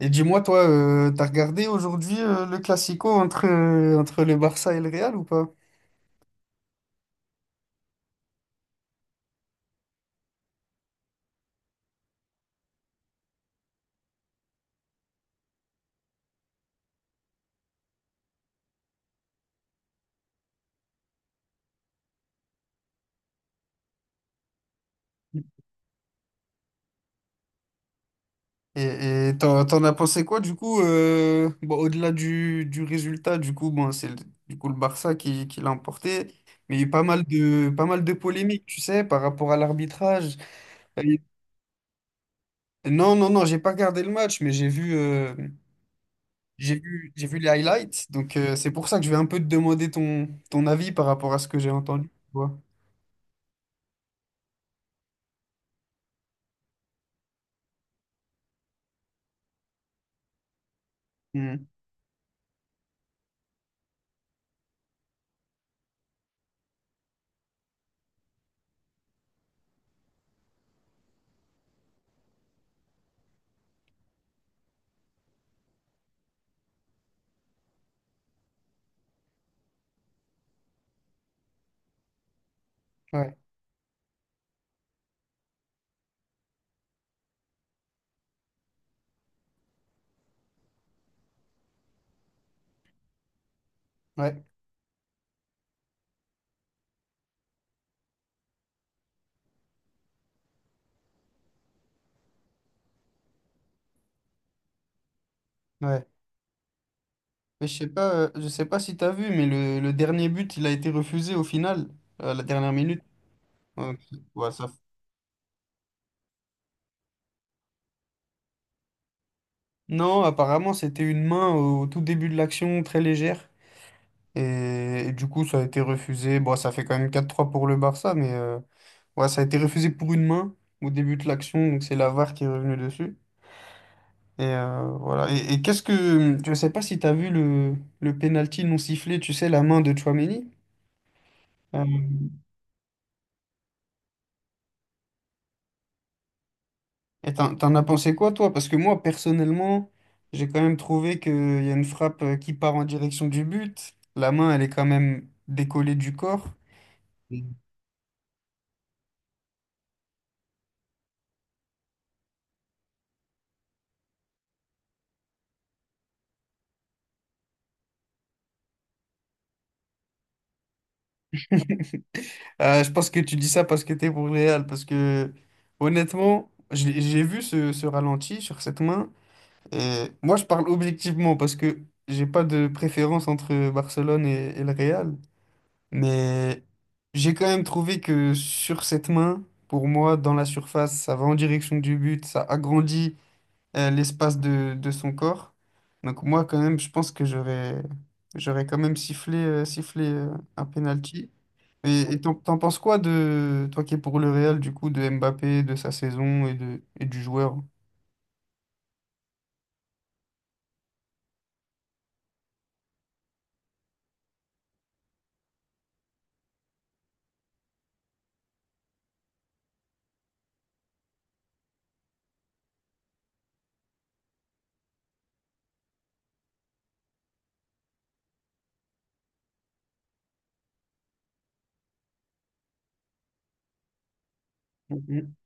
Et dis-moi, toi, t'as regardé aujourd'hui le Classico entre, entre le Barça et le Real ou pas? Et t'en as pensé quoi du coup bon, au-delà du résultat, du coup, bon, du coup le Barça qui l'a emporté, mais il y a eu pas mal de polémiques, tu sais, par rapport à l'arbitrage. Euh, Non, non, non, j'ai pas regardé le match, mais j'ai vu les highlights, donc c'est pour ça que je vais un peu te demander ton avis par rapport à ce que j'ai entendu. Tu vois. Hmm. Ouais, ouais, ouais. Mais je sais pas si t'as vu, mais le dernier but, il a été refusé au final, à la dernière minute. Donc, ouais, ça- Non, apparemment, c'était une main au tout début de l'action, très légère. Et du coup, ça a été refusé. Bon, ça fait quand même 4-3 pour le Barça, mais ouais, ça a été refusé pour une main au début de l'action. Donc, c'est la VAR qui est revenue dessus. Voilà. Et qu'est-ce que. Je sais pas si t'as vu le penalty non sifflé, tu sais, la main de Tchouaméni. Euh, Et t'en as pensé quoi, toi? Parce que moi, personnellement, j'ai quand même trouvé qu'il y a une frappe qui part en direction du but. La main, elle est quand même décollée du corps. Mm. Je pense que tu dis ça parce que t'es pour le Real. Parce que, honnêtement, j'ai vu ce ralenti sur cette main. Et moi, je parle objectivement parce que j'ai pas de préférence entre Barcelone et le Real. Mais j'ai quand même trouvé que sur cette main, pour moi, dans la surface, ça va en direction du but, ça agrandit l'espace de son corps. Donc moi, quand même, je pense que j'aurais quand même sifflé un penalty. Et t'en penses quoi de toi qui es pour le Real, du coup, de Mbappé, de sa saison et du joueur? Mhm.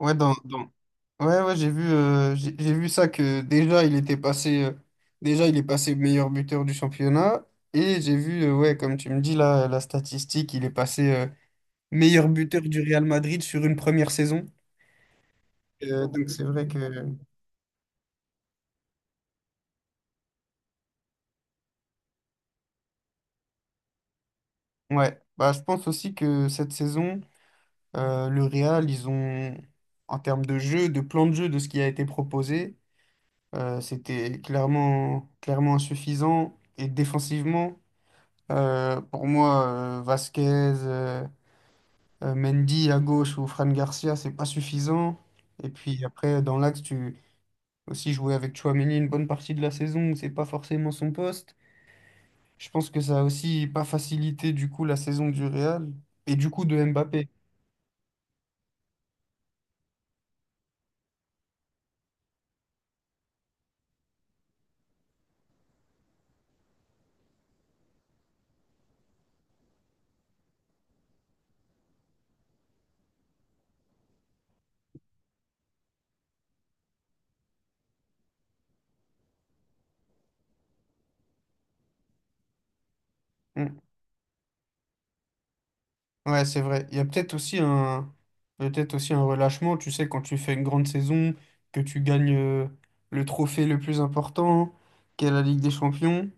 Ouais, dans, dans- Ouais, ouais, j'ai vu ça que déjà il est passé meilleur buteur du championnat et j'ai vu, ouais, comme tu me dis là, la statistique, il est passé meilleur buteur du Real Madrid sur une première saison. Donc c'est vrai que, ouais, bah je pense aussi que cette saison, le Real, ils ont, en termes de jeu, de plan de jeu, de ce qui a été proposé, c'était clairement insuffisant et défensivement. Pour moi, Vasquez, Mendy à gauche ou Fran Garcia, c'est pas suffisant. Et puis après, dans l'axe, tu aussi jouer avec Chouameni une bonne partie de la saison où c'est pas forcément son poste. Je pense que ça a aussi pas facilité du coup la saison du Real et du coup de Mbappé. Mm. Ouais, c'est vrai. Il y a peut-être aussi un Peut-être aussi un relâchement, tu sais, quand tu fais une grande saison, que tu gagnes le trophée le plus important, qu'est la Ligue des Champions.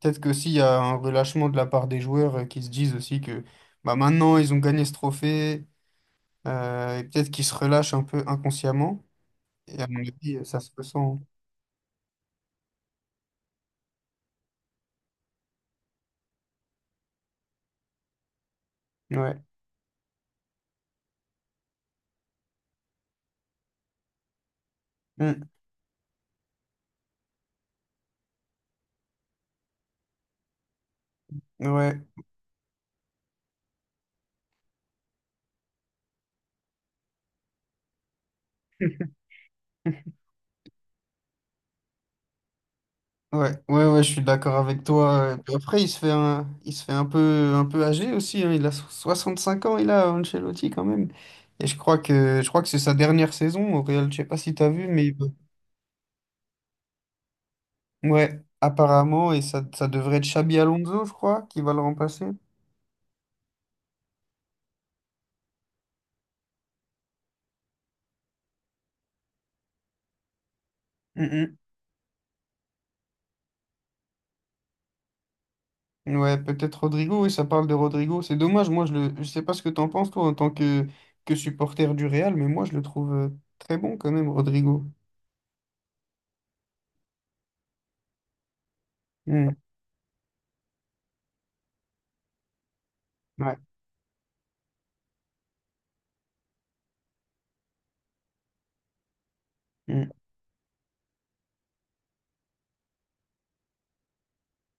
Peut-être qu'aussi, il y a un relâchement de la part des joueurs qui se disent aussi que bah, maintenant, ils ont gagné ce trophée, et peut-être qu'ils se relâchent un peu inconsciemment. Et à mon avis, ça se ressent. Hein. Ouais. Mm. Ouais. Ouais, ouais, ouais, je suis d'accord avec toi. Et puis après, il se fait un peu âgé aussi. Hein. 5 ans, il a Ancelotti quand même. Et je crois que c'est sa dernière saison au Real. Je sais pas si tu as vu, mais ouais, apparemment, et ça devrait être Xabi Alonso, je crois, qui va le remplacer. Mm, mm. Ouais, peut-être Rodrigo, oui, ça parle de Rodrigo. C'est dommage, moi je sais pas ce que t'en penses toi en tant que supporter du Real, mais moi je le trouve très bon quand même, Rodrigo. Mm. Ouais. Mm.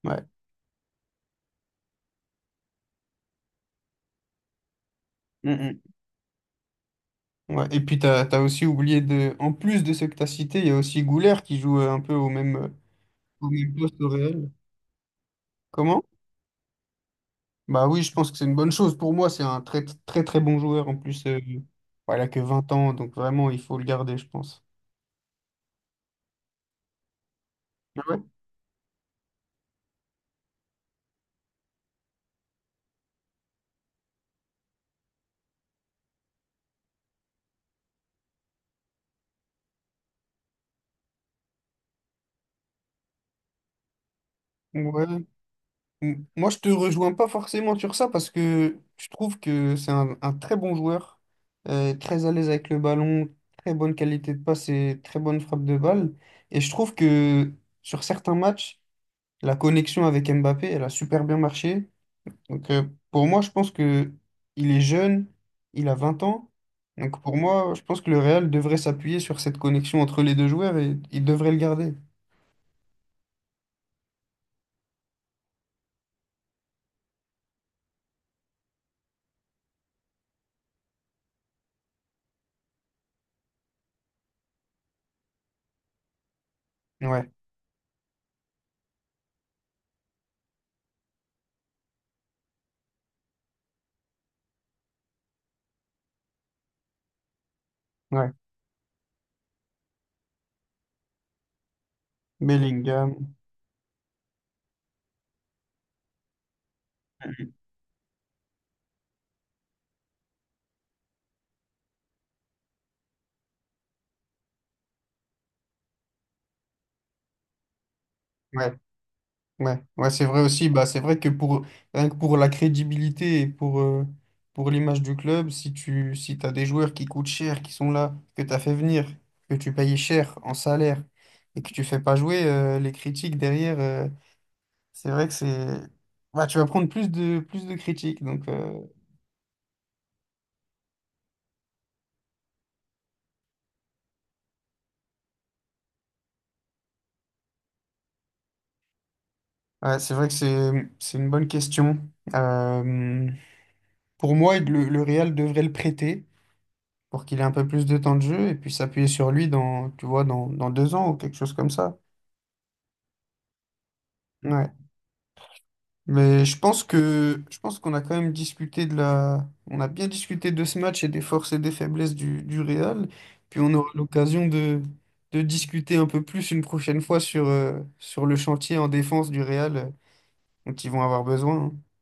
Ouais. Mm, mm. Ouais. Et puis t'as aussi oublié de. En plus de ceux que t'as cités, il y a aussi Goulart qui joue un peu au même poste au Real. Comment? Bah oui, je pense que c'est une bonne chose. Pour moi, c'est un très très très bon joueur. En plus, voilà, que 20 ans, donc vraiment, il faut le garder, je pense. Ah, ouais, ouais, moi, je te rejoins pas forcément sur ça parce que je trouve que c'est un très bon joueur, très à l'aise avec le ballon, très bonne qualité de passe et très bonne frappe de balle. Et je trouve que sur certains matchs, la connexion avec Mbappé, elle a super bien marché. Donc, pour moi, je pense que il est jeune, il a 20 ans. Donc, pour moi, je pense que le Real devrait s'appuyer sur cette connexion entre les deux joueurs et il devrait le garder. Ouais, ouais. Bellingham. Mhm. Ouais. Ouais, ouais, c'est vrai aussi. Bah, c'est vrai que pour, rien que pour la crédibilité et pour l'image du club, si t'as des joueurs qui coûtent cher, qui sont là, que tu as fait venir, que tu payes cher en salaire et que tu fais pas jouer, les critiques derrière, c'est vrai que c'est. Bah, tu vas prendre plus de critiques. Donc, ouais, c'est vrai que c'est une bonne question. Euh, pour moi, le Real devrait le prêter pour qu'il ait un peu plus de temps de jeu et puis s'appuyer sur lui dans, tu vois, dans 2 ans ou quelque chose comme ça. Ouais. Mais je pense qu'on a quand même discuté de la on a bien discuté de ce match et des forces et des faiblesses du Real. Puis on aura l'occasion de discuter un peu plus une prochaine fois sur, sur le chantier en défense du Real dont ils vont avoir besoin. Hein.